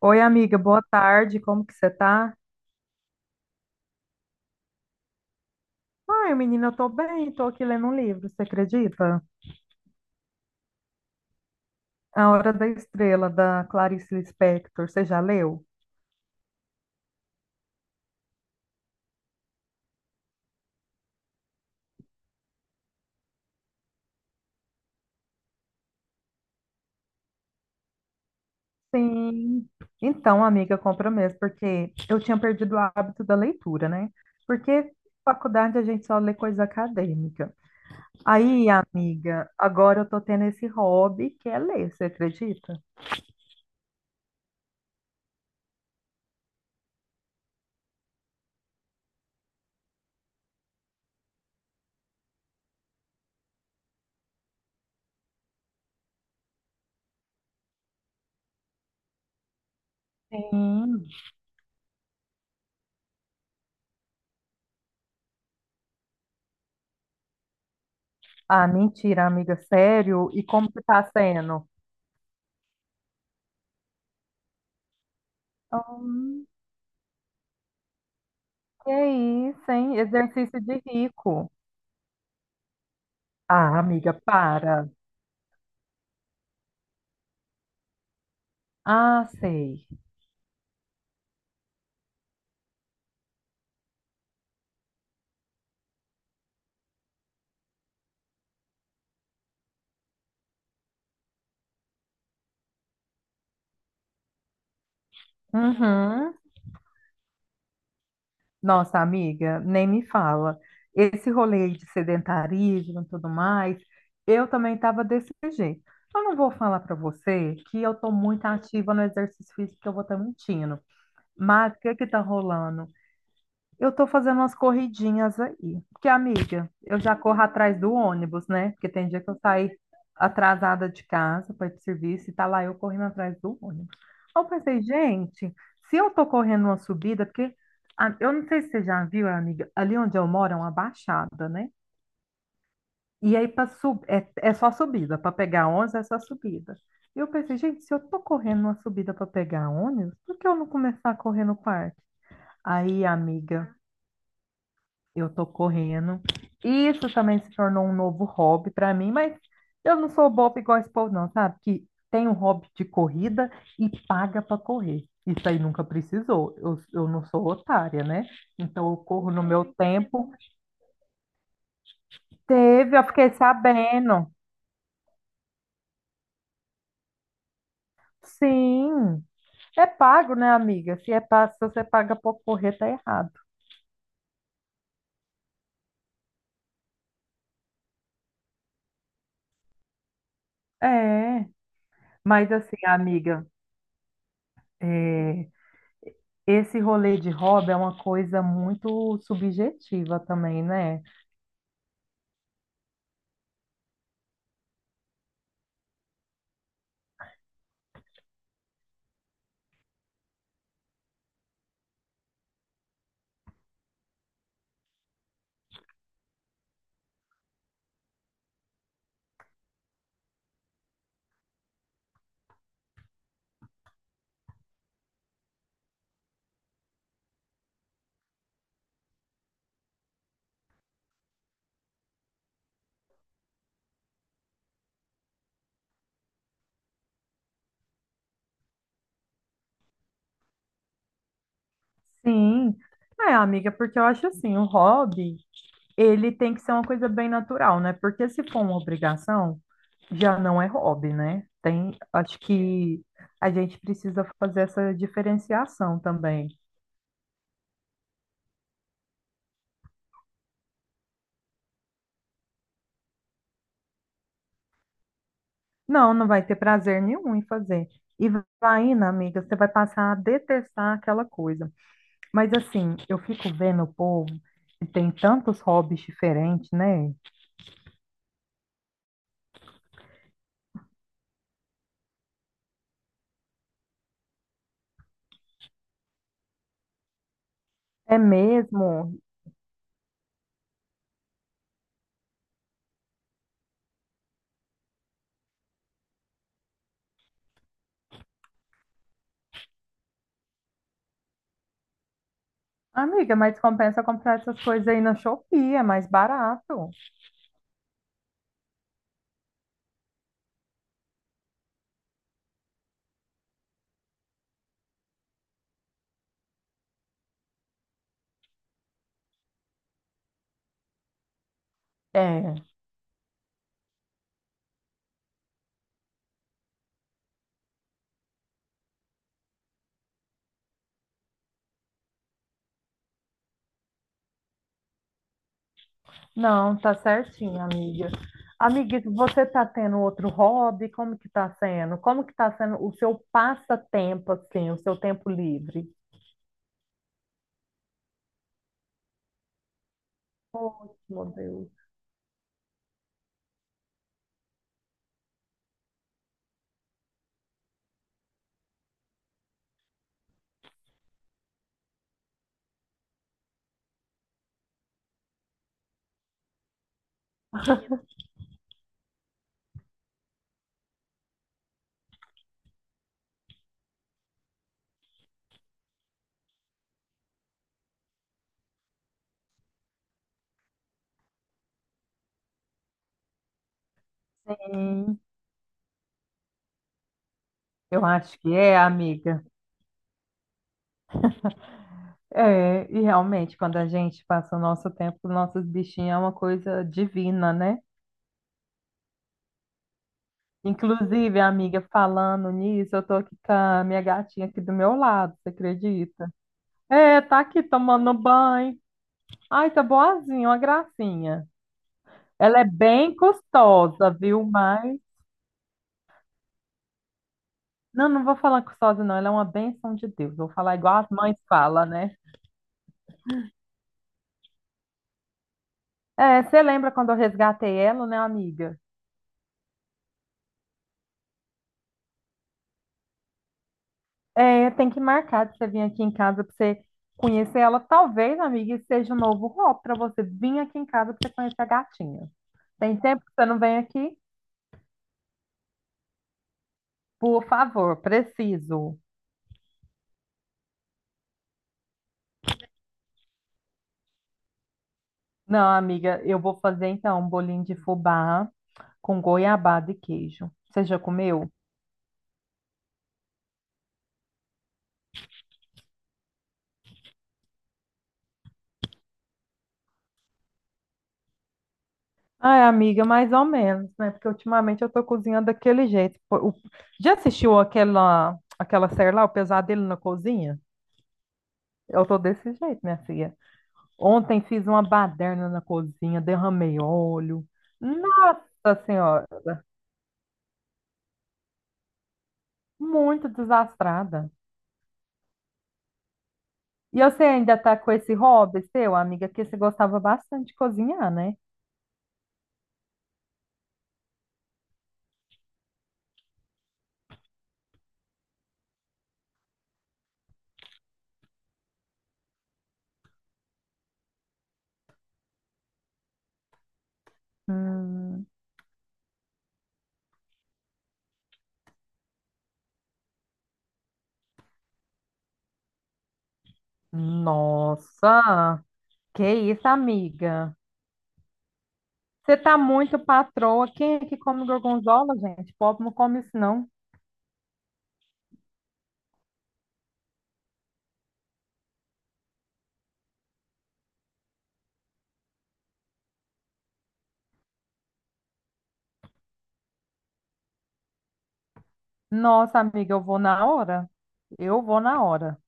Oi, amiga, boa tarde. Como que você tá? Ai, menina, eu tô bem, tô aqui lendo um livro, você acredita? A Hora da Estrela, da Clarice Lispector. Você já leu? Sim. Então, amiga, compra mesmo, porque eu tinha perdido o hábito da leitura, né? Porque na faculdade a gente só lê coisa acadêmica. Aí, amiga, agora eu tô tendo esse hobby que é ler, você acredita? Sim. Ah, mentira, amiga, sério? E como que tá sendo? Que é isso, hein? Exercício de rico. Ah, amiga, para. Ah, sei. Uhum. Nossa, amiga, nem me fala. Esse rolê de sedentarismo e tudo mais, eu também estava desse jeito. Eu não vou falar para você que eu estou muito ativa no exercício físico, que eu vou estar mentindo. Mas o que que tá rolando? Eu tô fazendo umas corridinhas aí. Porque, amiga, eu já corro atrás do ônibus, né? Porque tem dia que eu saio atrasada de casa para ir pro serviço e tá lá eu correndo atrás do ônibus. Aí eu pensei, gente, se eu tô correndo uma subida, porque eu não sei se você já viu, amiga, ali onde eu moro é uma baixada, né? E aí para sub... é, é só subida, para pegar ônibus é só subida. E eu pensei, gente, se eu tô correndo uma subida para pegar ônibus, por que eu não começar a correr no parque? Aí, amiga. Eu tô correndo. Isso também se tornou um novo hobby para mim, mas eu não sou boba igual esse povo, não, sabe? Que tem um hobby de corrida e paga para correr. Isso aí nunca precisou. Eu não sou otária, né? Então eu corro no meu tempo. Teve, eu fiquei sabendo. Sim, é pago, né, amiga? Se é pago, se você paga para correr, tá errado. É, mas assim, amiga, é, esse rolê de hobby é uma coisa muito subjetiva também, né? Sim. É, amiga, porque eu acho assim, o hobby, ele tem que ser uma coisa bem natural, né? Porque se for uma obrigação, já não é hobby, né? Tem, acho que a gente precisa fazer essa diferenciação também. Não, não vai ter prazer nenhum em fazer. E vai, indo, amiga, você vai passar a detestar aquela coisa. Mas assim, eu fico vendo o povo que tem tantos hobbies diferentes, né? É mesmo. Amiga, mas compensa comprar essas coisas aí na Shopee, é mais barato. É, não, tá certinho, amiga. Amiga, você tá tendo outro hobby? Como que tá sendo? Como que tá sendo o seu passatempo, assim, o seu tempo livre? Oh, meu Deus. Sim, eu acho que é, amiga. É, e realmente, quando a gente passa o nosso tempo com nossos bichinhos, é uma coisa divina, né? Inclusive, amiga, falando nisso, eu tô aqui com a minha gatinha aqui do meu lado, você acredita? É, tá aqui tomando banho. Ai, tá boazinha, uma gracinha. Ela é bem custosa, viu? Mas. Não, não vou falar custosa, não. Ela é uma benção de Deus. Vou falar igual as mães falam, né? É, você lembra quando eu resgatei ela, né, amiga? É, tem que marcar de você vir aqui em casa para você conhecer ela. Talvez, amiga, isso seja um novo hobby para você vir aqui em casa para você conhecer a gatinha. Tem tempo que você não vem aqui? Por favor, preciso. Não, amiga, eu vou fazer então um bolinho de fubá com goiabada e queijo. Você já comeu? Ai, amiga, mais ou menos, né? Porque ultimamente eu tô cozinhando daquele jeito. Pô, o- Já assistiu aquela série lá, O Pesadelo na Cozinha? Eu tô desse jeito, minha filha. Ontem fiz uma baderna na cozinha, derramei óleo. Nossa Senhora, muito desastrada. E você ainda tá com esse hobby seu, amiga, que você gostava bastante de cozinhar, né? Hum, nossa, que isso, amiga. Você tá muito patroa. Quem é que come gorgonzola, gente? Pobre não come isso, não. Nossa, amiga, eu vou na hora. Eu vou na hora.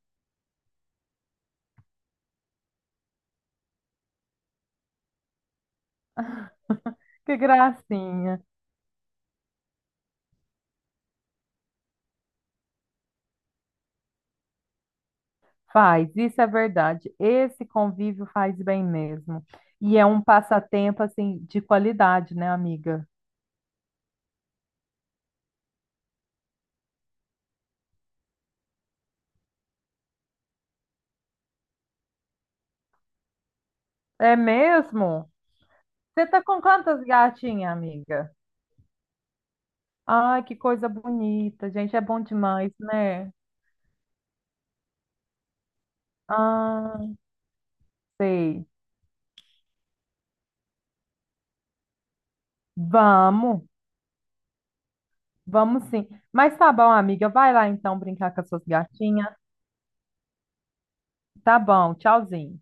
Que gracinha. Faz, isso é verdade. Esse convívio faz bem mesmo. E é um passatempo assim de qualidade, né, amiga? É mesmo? Você tá com quantas gatinhas, amiga? Ai, que coisa bonita, gente, é bom demais, né? Ah, sei. Vamos, vamos sim. Mas tá bom, amiga, vai lá então brincar com as suas gatinhas. Tá bom, tchauzinho.